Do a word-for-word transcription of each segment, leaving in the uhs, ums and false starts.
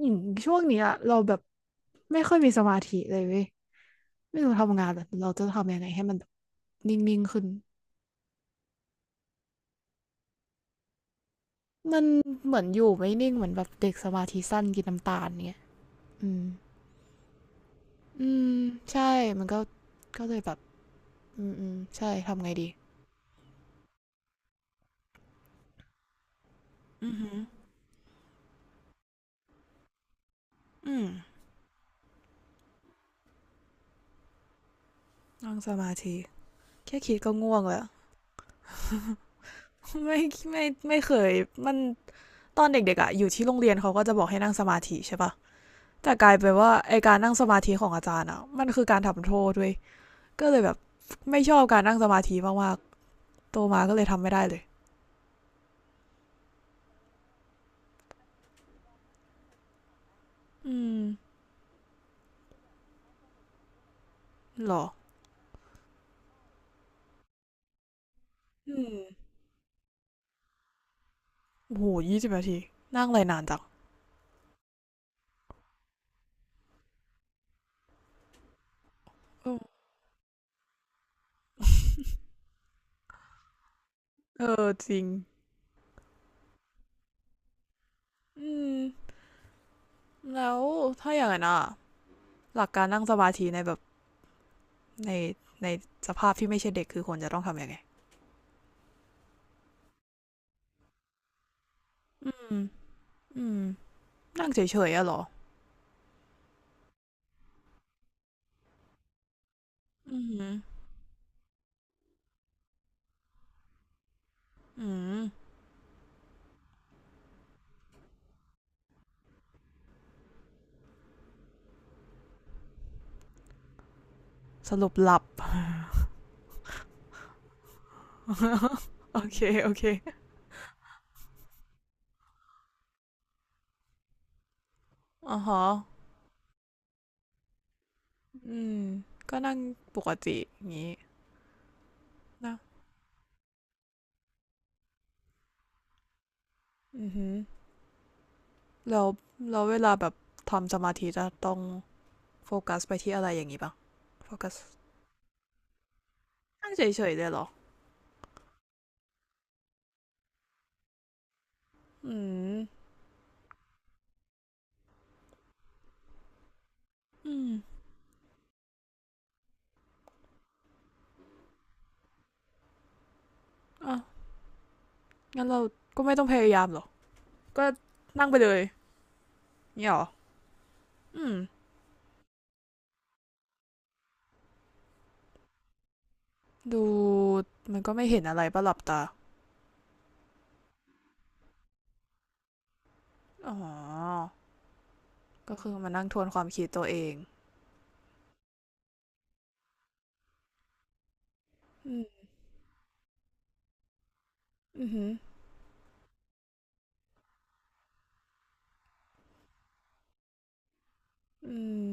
อย่างช่วงเนี้ยเราแบบไม่ค่อยมีสมาธิเลยเว้ยไม่รู้ทำงานแบบเราจะทำยังไงให้มันแบบนิ่งๆขึ้นมันเหมือนอยู่ไม่นิ่งเหมือนแบบเด็กสมาธิสั้นกินน้ำตาลเงี้ยอืมอืมใช่มันก็ก็เลยแบบอืมอืมใช่ทำไงดีอือหืออืมแค่คิดก็ง่วงแล้ว ไม่ไม่ไม่เคยมันตอนเด็กๆอ่ะอยู่ที่โรงเรียนเขาก็จะบอกให้นั่งสมาธิใช่ปะแต่กลายเป็นว่าไอการนั่งสมาธิของอาจารย์อ่ะมันคือการทำโทษด้วย ก็เลยแบบไม่ชอบการนั่งสมาธิมากๆโตมาก็เลยทำไม่ได้เลยอืมหรออืมโอ้โหยี่สิบนาทีนั่งอะไรนานจังอืมเออจริงอืมแล้วถ้าอย่างนั้นอ่ะหลักการนั่งสมาธิในแบบในในสภาพที่ไม่ใช่เด็กคือควรจะต้องทำยังไงอืมอืมนั่งเฉยๆอะเหรออืมอืมสรุปหลับ โอเค โอเคอ๋อฮะอืมก็นั่งปกติอย่างงี้นะอือหือ แล้วแล้วเวลาแบบทำสมาธิจะต้องโฟกัสไปที่อะไรอย่างนี้ปะโฟกัสนั่งเฉยๆเลยเหรออืมอืมอ่ะงั้นเราก็ไม่ต้องพยายามหรอกก็นั่งไปเลยเนี่ยเหรออืมดูมันก็ไม่เห็นอะไรปะหลับตาอ๋อก็คือมานั่งทวนความคิดตัวเองอืมอือหืออืม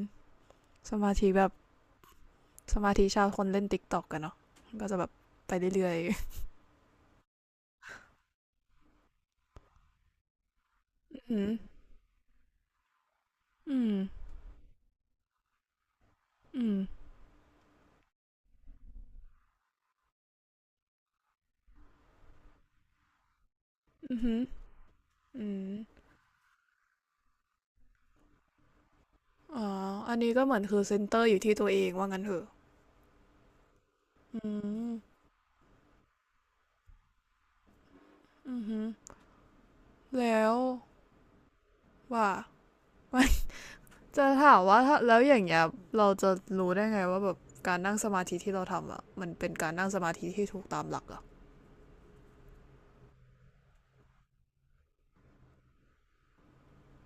สมาธิแบบสมาธิชาวคนเล่นติ๊กต็อกกันเนาะก็จะแบบไปเรื่อยๆอืมอืมอืมอืมออืม อ๋ออันนี้ก็เหมือนคือเซ็นเตอร์อยู่ที่ตัวเองว่างั้นเถอะอืมอือหือแล้วว่า จะถามว่าถ้าแล้วอย่างเงี้ยเราจะรู้ได้ไงว่าแบบการนั่งสมาธิที่เราทำอ่ะมันเป็นการนั่งสมาธิที่ถูกตามหลักเหรอะ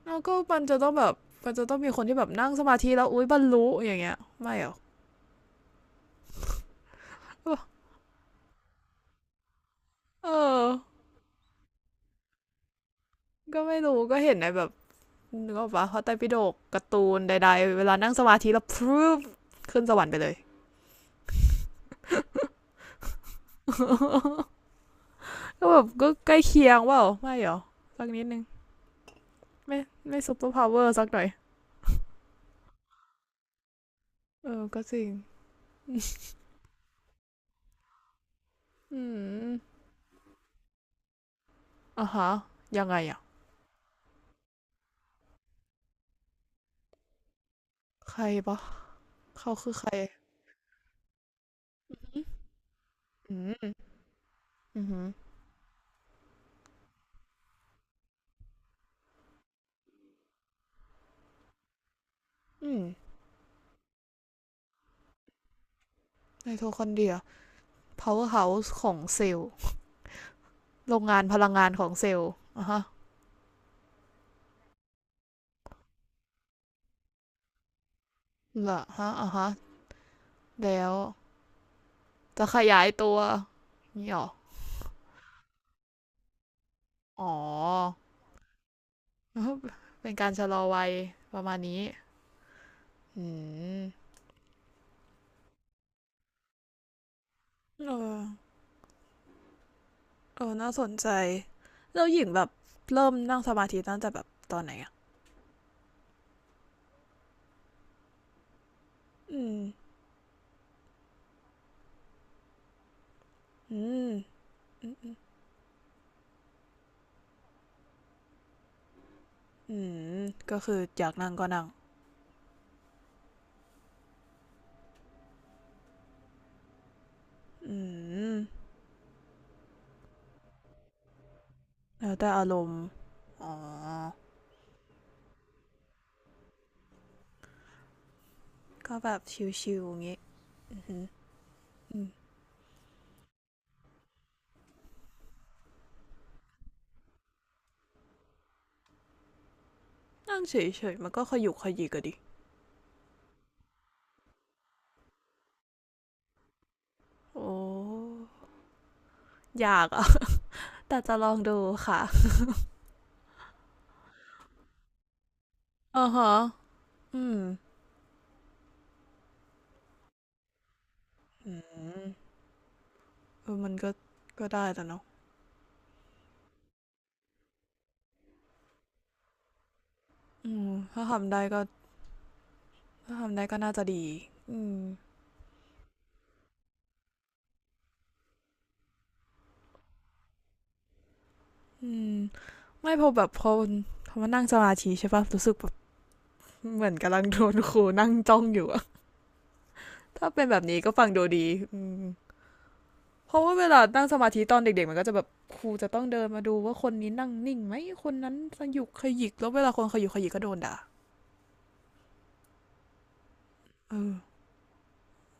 แล้วก็มันจะต้องแบบมันจะต้องมีคนที่แบบนั่งสมาธิแล้วอุ๊ยบรรลุอย่างเงี้ยไม่เหรอ เออก็ไม่รู้ก็เห็นในแบบนึกออกปะพระไตรปิฎกการ์ตูนใดๆเวลานั่งสมาธิแล้วพรึบขึ้นสวรรค์ไปเลย ก็แบบก็ใกล้เคียงว่าไม่หรอสักนิดนึงไม่ไม่ซุปเปอร์พาวเวอร์สักหน่อยเออก็จริงอืมอ่ะฮะยังไงอ่ะใครปะเขาคือใครอืมอืออืมในโทคอนเดรีย powerhouse ของเซลล์โรงงานพลังงานของเซลล์อ่ะฮะละฮะอ่ะฮะแล้วจะขยายตัวนี่หรออ๋อเป็นการชะลอวัยประมาณนี้อืมเออ เออน่าสนใจแล้วหญิงแบบเริ่มนั่งสมาธิตั้งแต่แบบตอนไหนอ่ะอืมอืมอืมก็คืออยากนั่งก็นั่งอืมแล้วแต่อารมณ์ก็แบบชิวๆอย่างงี้อือหืออืมนั่งเฉยๆมันก็ขยุกขยิกอะดิโอ้อยากอ่ะ แต่จะลองดูค่ะอ่าฮะอืมอืมเออมันก็ก็ได้แต่เนาะอืมถ้าทำได้ก็ถ้าทำได้ก็น่าจะดีอืมอืม ไม่พอแบบพอพอมานั่งสมาธิใช่ปะรู้สึกแบบเหมือนกำลังโดนครูนั่งจ้องอยู่อะถ้าเป็นแบบนี้ก็ฟังดูดีอืมเพราะว่าเวลานั่งสมาธิตอนเด็กๆมันก็จะแบบครูจะต้องเดินมาดูว่าคนนี้นั่งนิ่งไหมคนนั้นสยุกขยิกแล้วเวลาคนขยุกขยิกก็โดนด่าเออ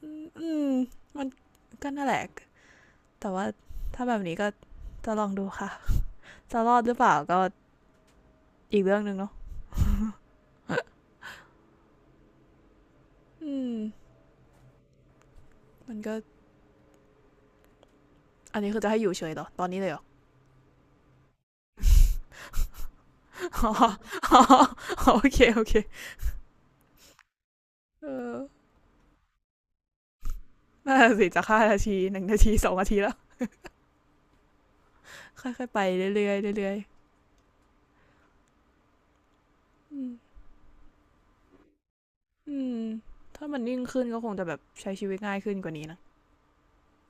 อืมอมันก็น่าแหละแต่ว่าถ้าแบบนี้ก็จะลองดูค่ะจะรอดหรือเปล่าก็อีกเรื่องหนึ่งเนาะอืมมันก็อันนี้คือจะให้อยู่เฉยเหรอตอนนี้เลยเหรอ อ๋อ อ๋อโอเคโอเคเออน่าสิจะห้านาทีหนึ่งนาทีสองนาทีแล้วค่อยๆไปเรื่อยๆเรื่อยๆอืมอืมถ้ามันนิ่งขึ้นก็คงจะแบบใช้ชีวิตง่ายขึ้นกว่านี้นะ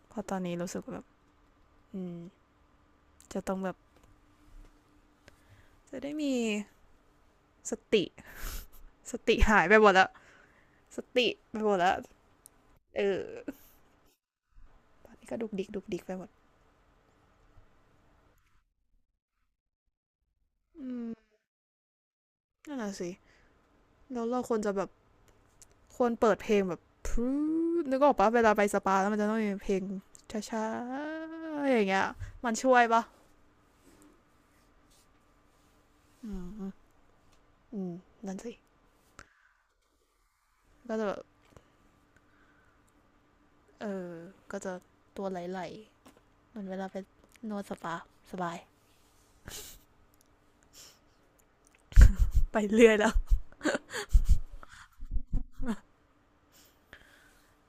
เพราะตอนนี้รู้สึกาแบบอืมจะต้องแบบจะได้มีสติสติหายไปหมดแล้วสติไปหมดแล้วเออนี่ก็ดุกดิกดุกดิกไปหมดอืมนั่นแหละสิแล้วเราควรจะแบบ ควรเปิดเพลงแบบพรนึกออกปะเวลาไปสปาแล้วมันจะต้องมีเพลงช้าๆอย่างเงี้ยมันช่วยปะอืมนั่นสิ ก็จะแบบเออ ก็จะตัวไหลๆเหมือนเวลาไปนวดสปาสบาย ไปเรื่อยแล้ว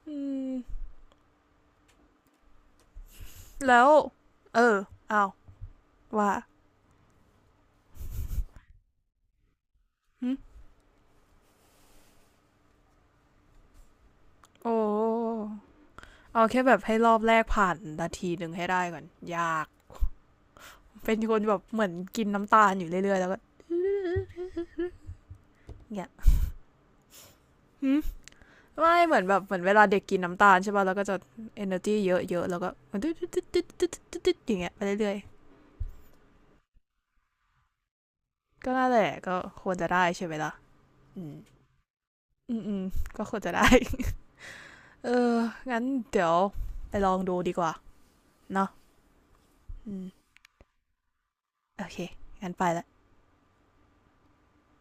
อืมแล้ว เออ เอา ว่าหึโอ้เอาแค่แบบให้รอบแรกผ่านนาทีหนึ่งให้ได้ก่อนยาก เป็นคนแบบเหมือนกินน้ำตาลอยู่เรื่อยๆแล้วก็เงี้ยหึ ไม่เหมือนแบบเหมือนเวลาเด็กกินน้ำตาลใช่ป่ะแล้วก็จะ energy เยอะๆแล้วก็มันตึ๊ดตึ๊ดตึ๊ดตึ๊ดตึ๊ดึดึดอย่างเงี้ยไปเรื่อยๆก็น่าแหละก็ควรจะได้ใช่ไหมล่ะอืมอืมอืมก็ควรจะได้เอองั้นเดี๋ยวไปลองดูดีกว่าเนาะอืมโอเคงั้นไปละ